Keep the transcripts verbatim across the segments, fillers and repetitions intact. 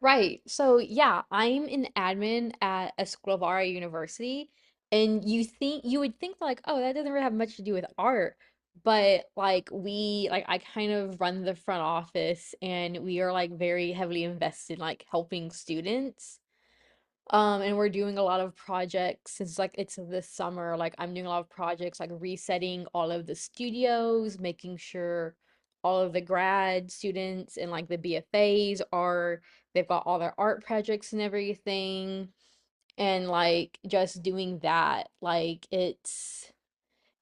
Right. So, yeah, I'm an admin at Escobar University, and you think you would think like, oh, that doesn't really have much to do with art, but like we like I kind of run the front office and we are like very heavily invested in like helping students. Um, and we're doing a lot of projects since like it's this summer. Like I'm doing a lot of projects, like resetting all of the studios, making sure all of the grad students and like the B F As are they've got all their art projects and everything. And like just doing that, like it's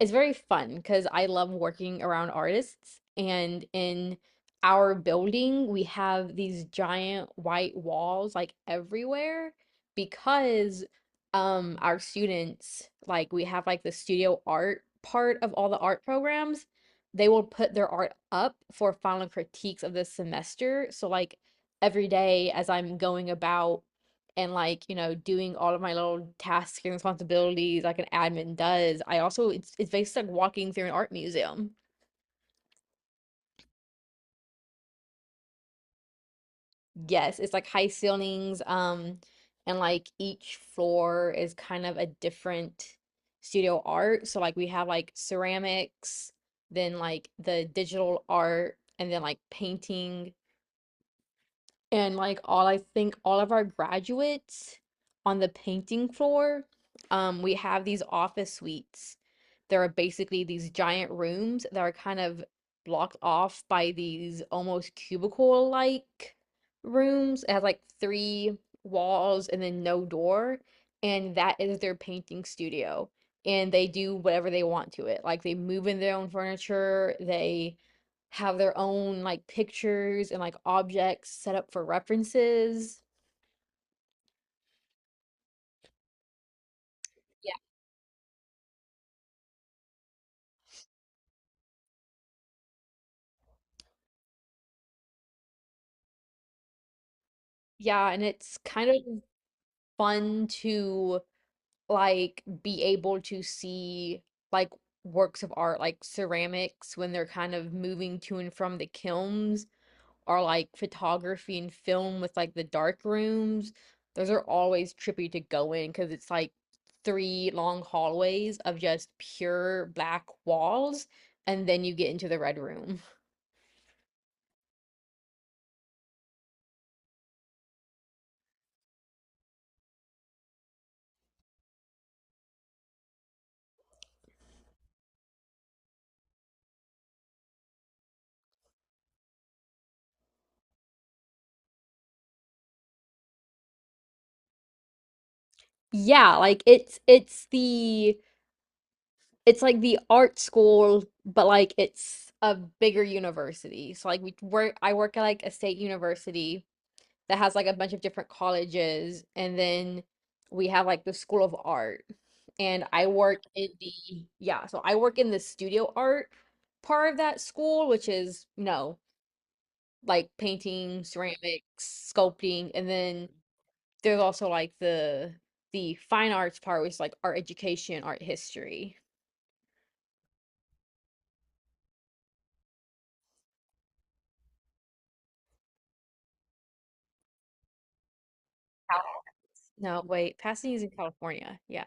it's very fun because I love working around artists. And in our building, we have these giant white walls like everywhere because um our students like we have like the studio art part of all the art programs. They will put their art up for final critiques of the semester. So like every day as I'm going about and like you know doing all of my little tasks and responsibilities like an admin does, I also it's, it's basically like walking through an art museum. Yes, it's like high ceilings. Um and like each floor is kind of a different studio art, so like we have like ceramics, then like the digital art, and then like painting, and like all, I think all of our graduates on the painting floor, um, we have these office suites. There are basically these giant rooms that are kind of blocked off by these almost cubicle-like rooms. It has like three walls and then no door, and that is their painting studio. And they do whatever they want to it. Like they move in their own furniture, they have their own like pictures and like objects set up for references. Yeah. Yeah, and it's kind of fun to like be able to see like works of art like ceramics when they're kind of moving to and from the kilns, or like photography and film with like the dark rooms. Those are always trippy to go in because it's like three long hallways of just pure black walls, and then you get into the red room. Yeah, like it's it's the it's like the art school, but like it's a bigger university. So like we work I work at like a state university that has like a bunch of different colleges, and then we have like the School of Art. And I work in the, yeah, so I work in the studio art part of that school, which is, you know, like painting, ceramics, sculpting, and then there's also like the the fine arts part, which is like art education, art history. Cal- No, wait, Pasadena's in California. Yeah.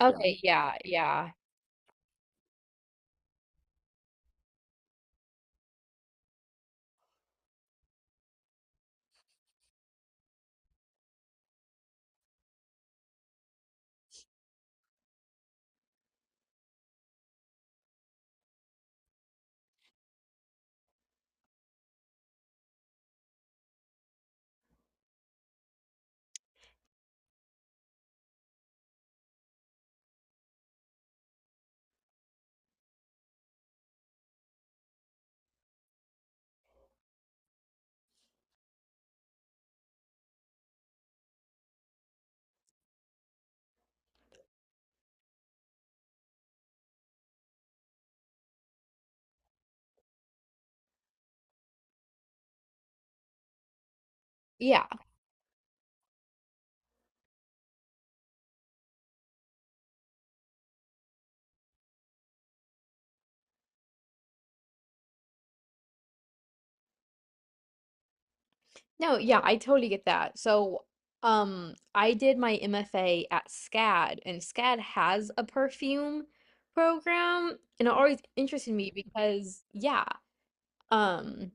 Yeah. Okay, yeah, yeah. Yeah. No, yeah, I totally get that. So, um, I did my M F A at SCAD, and SCAD has a perfume program, and it always interested me because, yeah, um,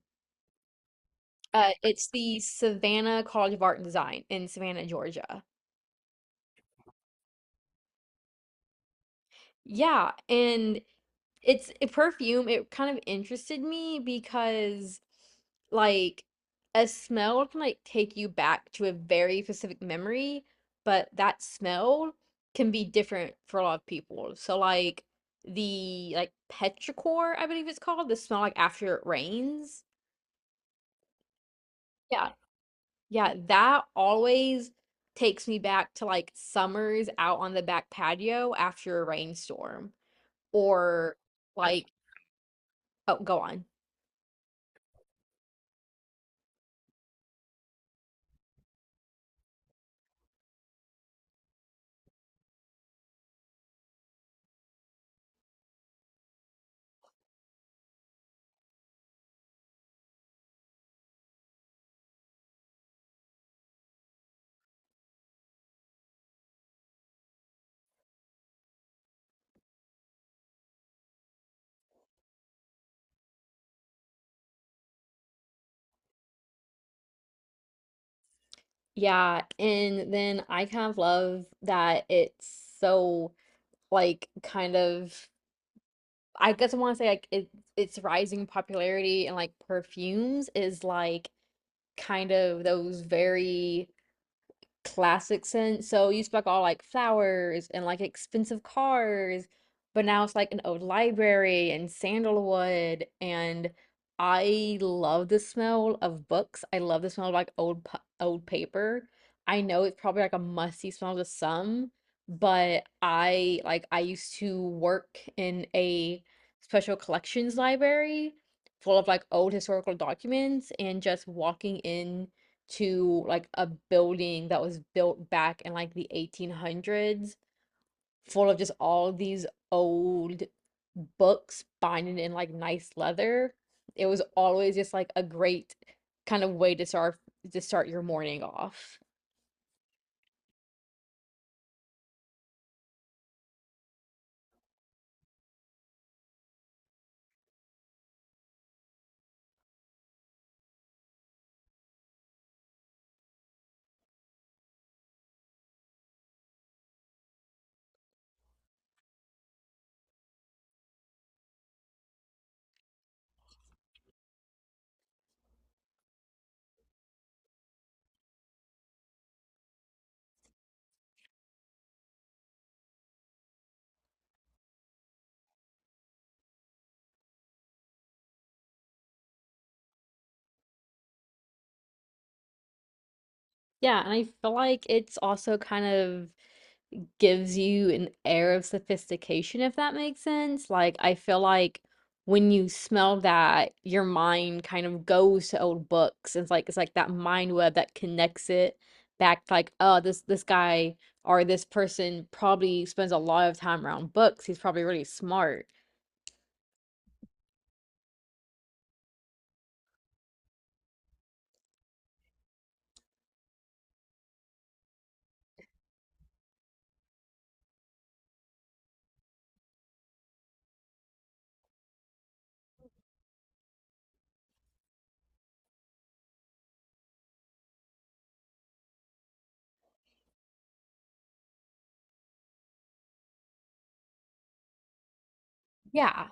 uh, it's the Savannah College of Art and Design in Savannah, Georgia. Yeah. And it's a perfume. It kind of interested me because, like, a smell can like take you back to a very specific memory, but that smell can be different for a lot of people. So, like, the like petrichor, I believe it's called, the smell like after it rains. Yeah, yeah, that always takes me back to like summers out on the back patio after a rainstorm, or like, oh, go on. Yeah, and then I kind of love that it's so like kind of, I guess I want to say like it, its rising popularity and like perfumes is like kind of those very classic scent. So you used to be like all like flowers and like expensive cars, but now it's like an old library and sandalwood. And I love the smell of books. I love the smell of like old pa- old paper. I know it's probably like a musty smell to some, but I like I used to work in a special collections library full of like old historical documents, and just walking in to like a building that was built back in like the eighteen hundreds, full of just all these old books binding in like nice leather. It was always just like a great kind of way to start to start your morning off. Yeah, and I feel like it's also kind of gives you an air of sophistication, if that makes sense. Like, I feel like when you smell that, your mind kind of goes to old books. It's like it's like that mind web that connects it back, like, oh, this this guy or this person probably spends a lot of time around books. He's probably really smart. Yeah.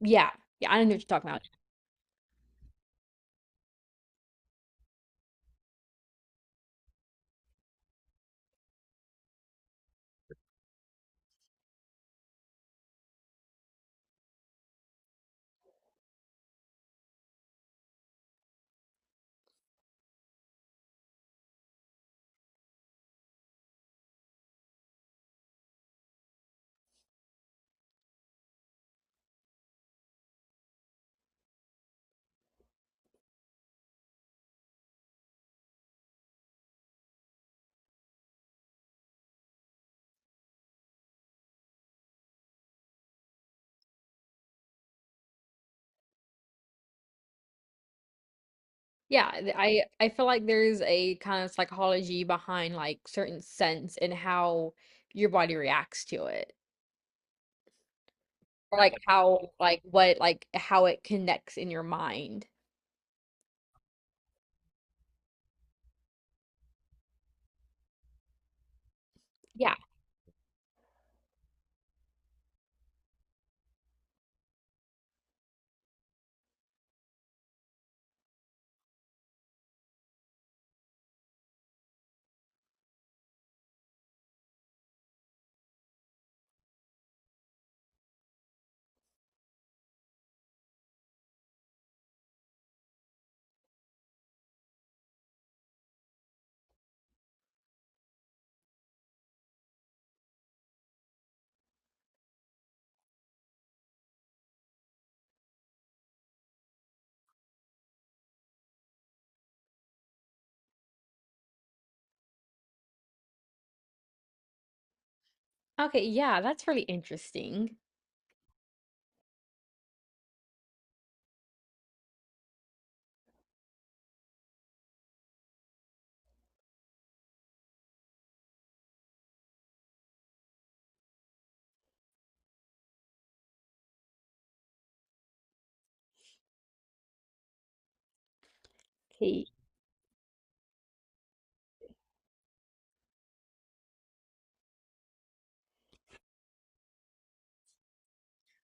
Yeah. Yeah, I know what you're talking about. Yeah, th- I I feel like there's a kind of psychology behind like certain scents and how your body reacts to it. Or like how like what like how it connects in your mind. Yeah. Okay, yeah, that's really interesting. Okay.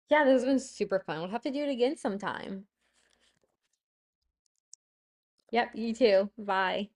Yeah, this has been super fun. We'll have to do it again sometime. Yep, you too. Bye.